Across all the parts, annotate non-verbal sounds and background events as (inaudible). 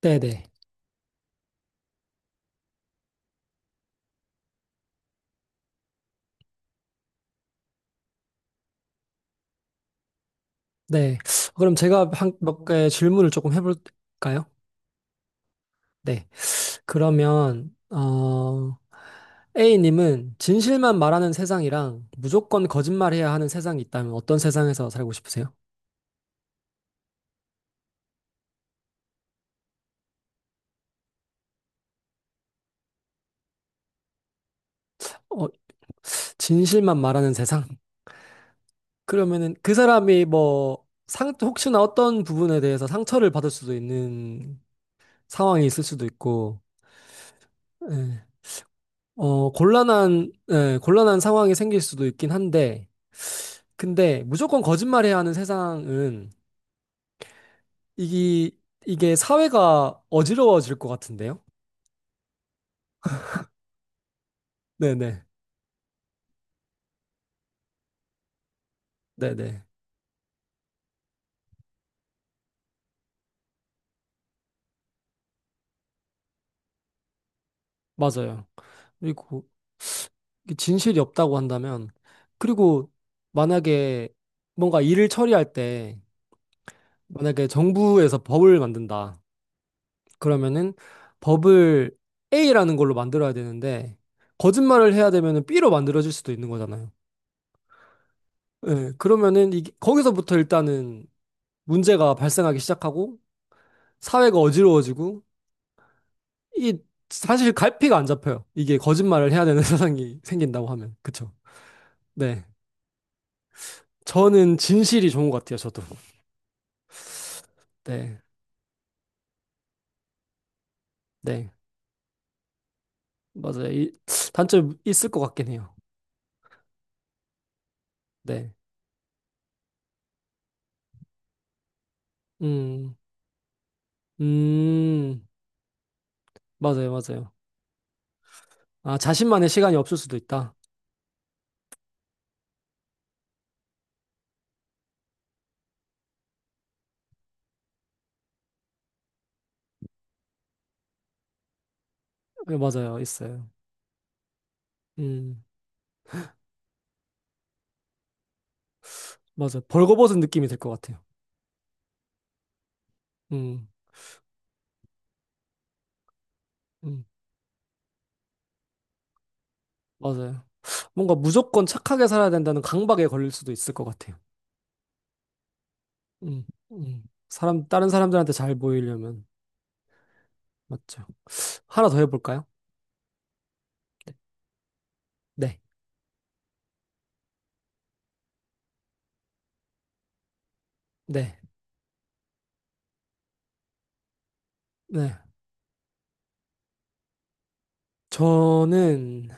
네네. 네. 그럼 제가 한, 몇 개 질문을 조금 해볼까요? 네. 그러면, A님은 진실만 말하는 세상이랑 무조건 거짓말해야 하는 세상이 있다면 어떤 세상에서 살고 싶으세요? 어, 진실만 말하는 세상? (laughs) 그러면은 그 사람이 뭐, 혹시나 어떤 부분에 대해서 상처를 받을 수도 있는 상황이 있을 수도 있고, 예. 곤란한, 예, 곤란한 상황이 생길 수도 있긴 한데, 근데 무조건 거짓말해야 하는 세상은 이게 사회가 어지러워질 것 같은데요? 네네. 네네. 맞아요. 그리고 이게 진실이 없다고 한다면 그리고 만약에 뭔가 일을 처리할 때 만약에 정부에서 법을 만든다. 그러면은 법을 A라는 걸로 만들어야 되는데 거짓말을 해야 되면은 B로 만들어질 수도 있는 거잖아요. 예, 그러면은 이게 거기서부터 일단은 문제가 발생하기 시작하고 사회가 어지러워지고 이게 사실 갈피가 안 잡혀요. 이게 거짓말을 해야 되는 (laughs) 세상이 생긴다고 하면 그쵸? 네, 저는 진실이 좋은 것 같아요. 저도 네, 네 맞아요. 단점 있을 것 같긴 해요. 네, 음, 음 맞아요, 맞아요. 아 자신만의 시간이 없을 수도 있다. 네, 맞아요, 있어요. 음 맞아요. 벌거벗은 느낌이 들 것 같아요. 음, 음 맞아요. 뭔가 무조건 착하게 살아야 된다는 강박에 걸릴 수도 있을 것 같아요. 음, 음. 사람, 다른 사람들한테 잘 보이려면, 맞죠. 하나 더 해볼까요? 네, 네, 네. 저는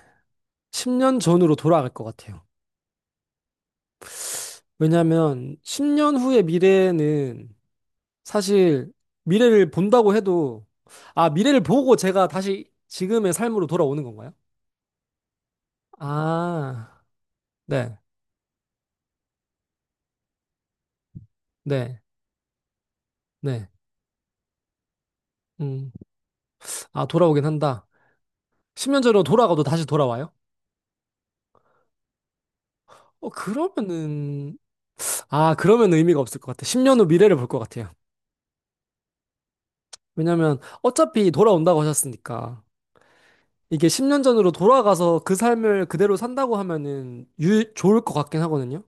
10년 전으로 돌아갈 것 같아요. 왜냐하면 10년 후의 미래는 사실 미래를 본다고 해도, 아, 미래를 보고 제가 다시 지금의 삶으로 돌아오는 건가요? 아, 네, 네, 네. 음, 아, 돌아오긴 한다. 10년 전으로 돌아가도 다시 돌아와요? 그러면은, 아, 그러면 의미가 없을 것 같아. 10년 후 미래를 볼 것 같아요. 왜냐면 어차피 돌아온다고 하셨으니까. 이게 10년 전으로 돌아가서 그 삶을 그대로 산다고 하면은 좋을 것 같긴 하거든요.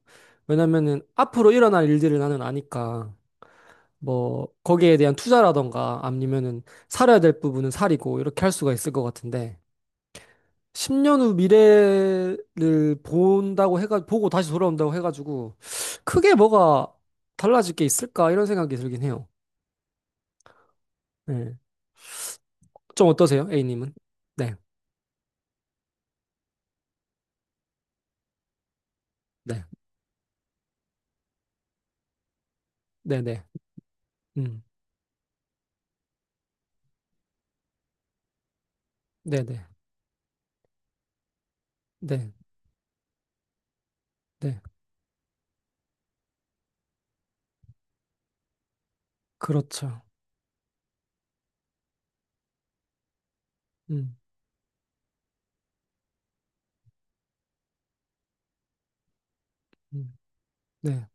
왜냐면은 앞으로 일어날 일들을 나는 아니까 뭐 거기에 대한 투자라던가 아니면은 살아야 될 부분은 살이고 이렇게 할 수가 있을 것 같은데 10년 후 미래를 본다고 해가 보고 다시 돌아온다고 해가지고 크게 뭐가 달라질 게 있을까 이런 생각이 들긴 해요. 네. 좀 어떠세요, A님은? 네, 네, 네, 네, 음, 네, 네, 네, 네, 그렇죠. 음, 음, 네,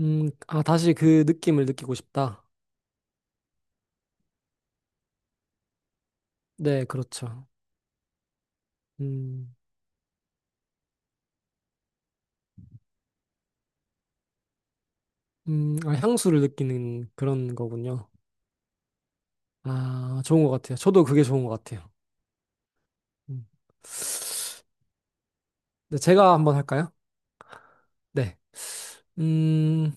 아, 다시 그 느낌을 느끼고 싶다. 네, 그렇죠. 음, 아, 향수를 느끼는 그런 거군요. 아, 좋은 것 같아요. 저도 그게 좋은 것 같아요. 음. 네, 제가 한번 할까요? 네, 음,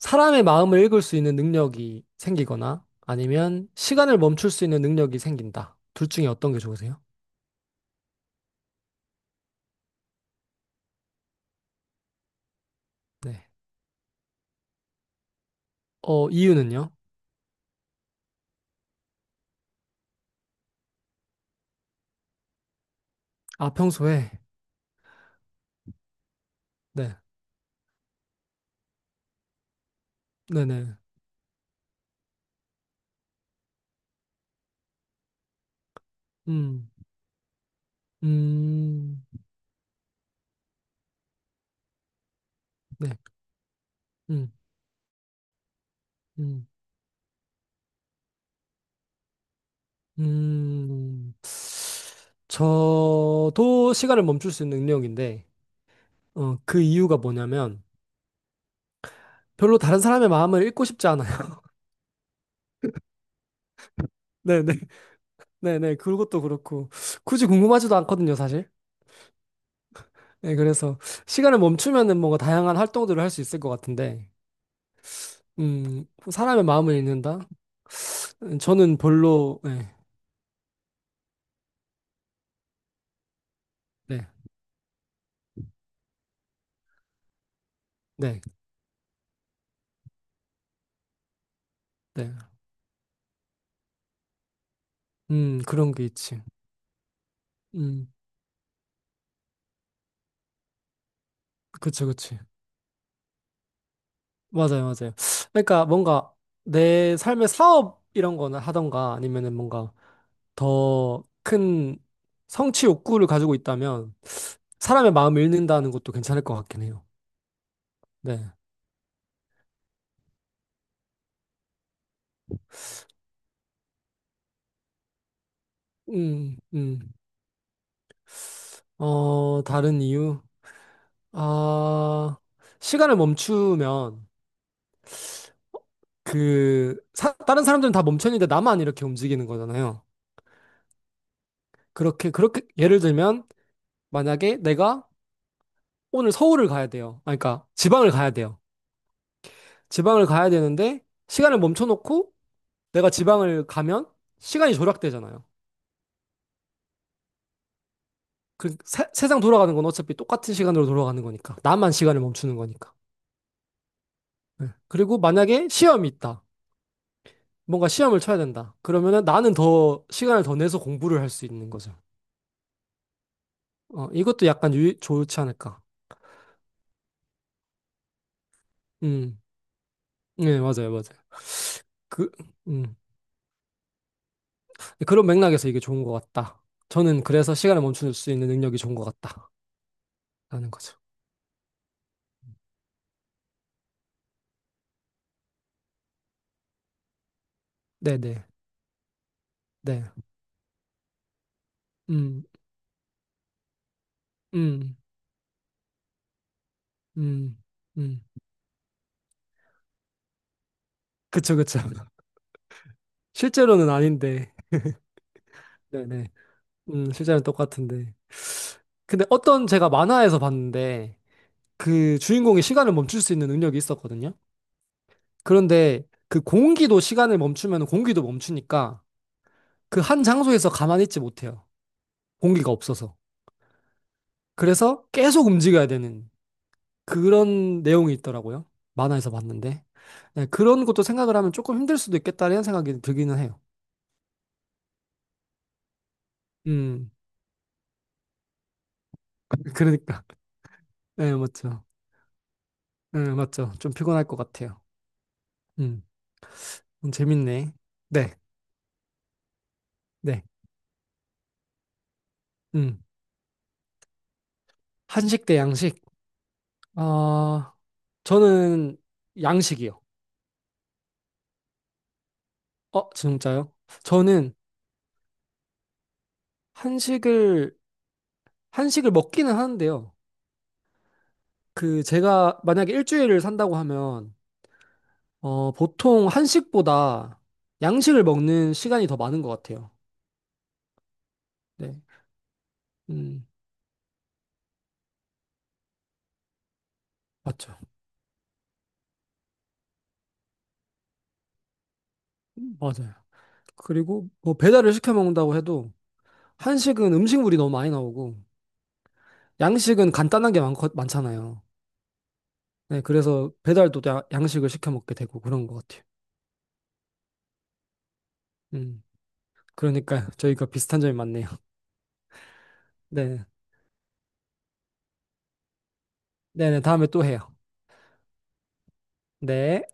사람의 마음을 읽을 수 있는 능력이 생기거나 아니면 시간을 멈출 수 있는 능력이 생긴다. 둘 중에 어떤 게 좋으세요? 네. 이유는요? 아, 평소에? 네, 네네. 음, 음, 네, 음, 음, 음. 저도 시간을 멈출 수 있는 능력인데, 그 이유가 뭐냐면, 별로 다른 사람의 마음을 읽고 싶지 않아요. (laughs) 네네, 네네. 그것도 그렇고, 굳이 궁금하지도 않거든요, 사실. 네, 그래서, 시간을 멈추면은 뭔가 다양한 활동들을 할 수 있을 것 같은데, 음, 사람의 마음을 읽는다? 저는 별로, 네, 네, 네. 네. 그런 게 있지. 음, 그치, 그치. 맞아요, 맞아요. 그러니까 뭔가 내 삶의 사업 이런 거나 하던가 아니면은 뭔가 더 큰 성취 욕구를 가지고 있다면 사람의 마음을 읽는다는 것도 괜찮을 것 같긴 해요. 네. 음, 음. 다른 이유? 아, 시간을 멈추면 다른 사람들은 다 멈췄는데 나만 이렇게 움직이는 거잖아요. 그렇게, 그렇게, 예를 들면 만약에 내가 오늘 서울을 가야 돼요. 아, 그러니까 지방을 가야 돼요. 지방을 가야 되는데 시간을 멈춰놓고 내가 지방을 가면 시간이 조락되잖아요. 그 세상 돌아가는 건 어차피 똑같은 시간으로 돌아가는 거니까. 나만 시간을 멈추는 거니까. 네. 그리고 만약에 시험이 있다. 뭔가 시험을 쳐야 된다. 그러면은 나는 더 시간을 더 내서 공부를 할 수 있는 거죠. 이것도 약간 좋지 않을까. 음, 네, 맞아요, 맞아요. 그, 음, 그런 맥락에서 이게 좋은 것 같다. 저는 그래서 시간을 멈출 수 있는 능력이 좋은 것 같다. 라는 거죠. 네네. 네. 음, 음, 음, 음. 그쵸, 그쵸. (laughs) 실제로는 아닌데. 네네. 실제로는 똑같은데. 근데 어떤 제가 만화에서 봤는데, 그 주인공이 시간을 멈출 수 있는 능력이 있었거든요. 그런데 그 공기도 시간을 멈추면 공기도 멈추니까 그 한 장소에서 가만히 있지 못해요. 공기가 없어서. 그래서 계속 움직여야 되는 그런 내용이 있더라고요. 만화에서 봤는데. 네, 그런 것도 생각을 하면 조금 힘들 수도 있겠다는 생각이 들기는 해요. 음. (laughs) 그러니까. 네, 맞죠. 네, 맞죠. 좀 피곤할 것 같아요. 음, 재밌네. 네, 네. 음, 한식 대 양식. 아, 저는 양식이요. 진짜요? 저는 한식을, 한식을 먹기는 하는데요. 그, 제가 만약에 일주일을 산다고 하면, 보통 한식보다 양식을 먹는 시간이 더 많은 것 같아요. 네. 음, 맞죠. 맞아요. 그리고 뭐 배달을 시켜 먹는다고 해도, 한식은 음식물이 너무 많이 나오고 양식은 간단한 게 많, 많잖아요. 네, 그래서 배달도 양식을 시켜 먹게 되고 그런 것 같아요. 음, 그러니까 저희가 비슷한 점이 많네요. (laughs) 네, 네, 네, 다음에 또 해요. 네.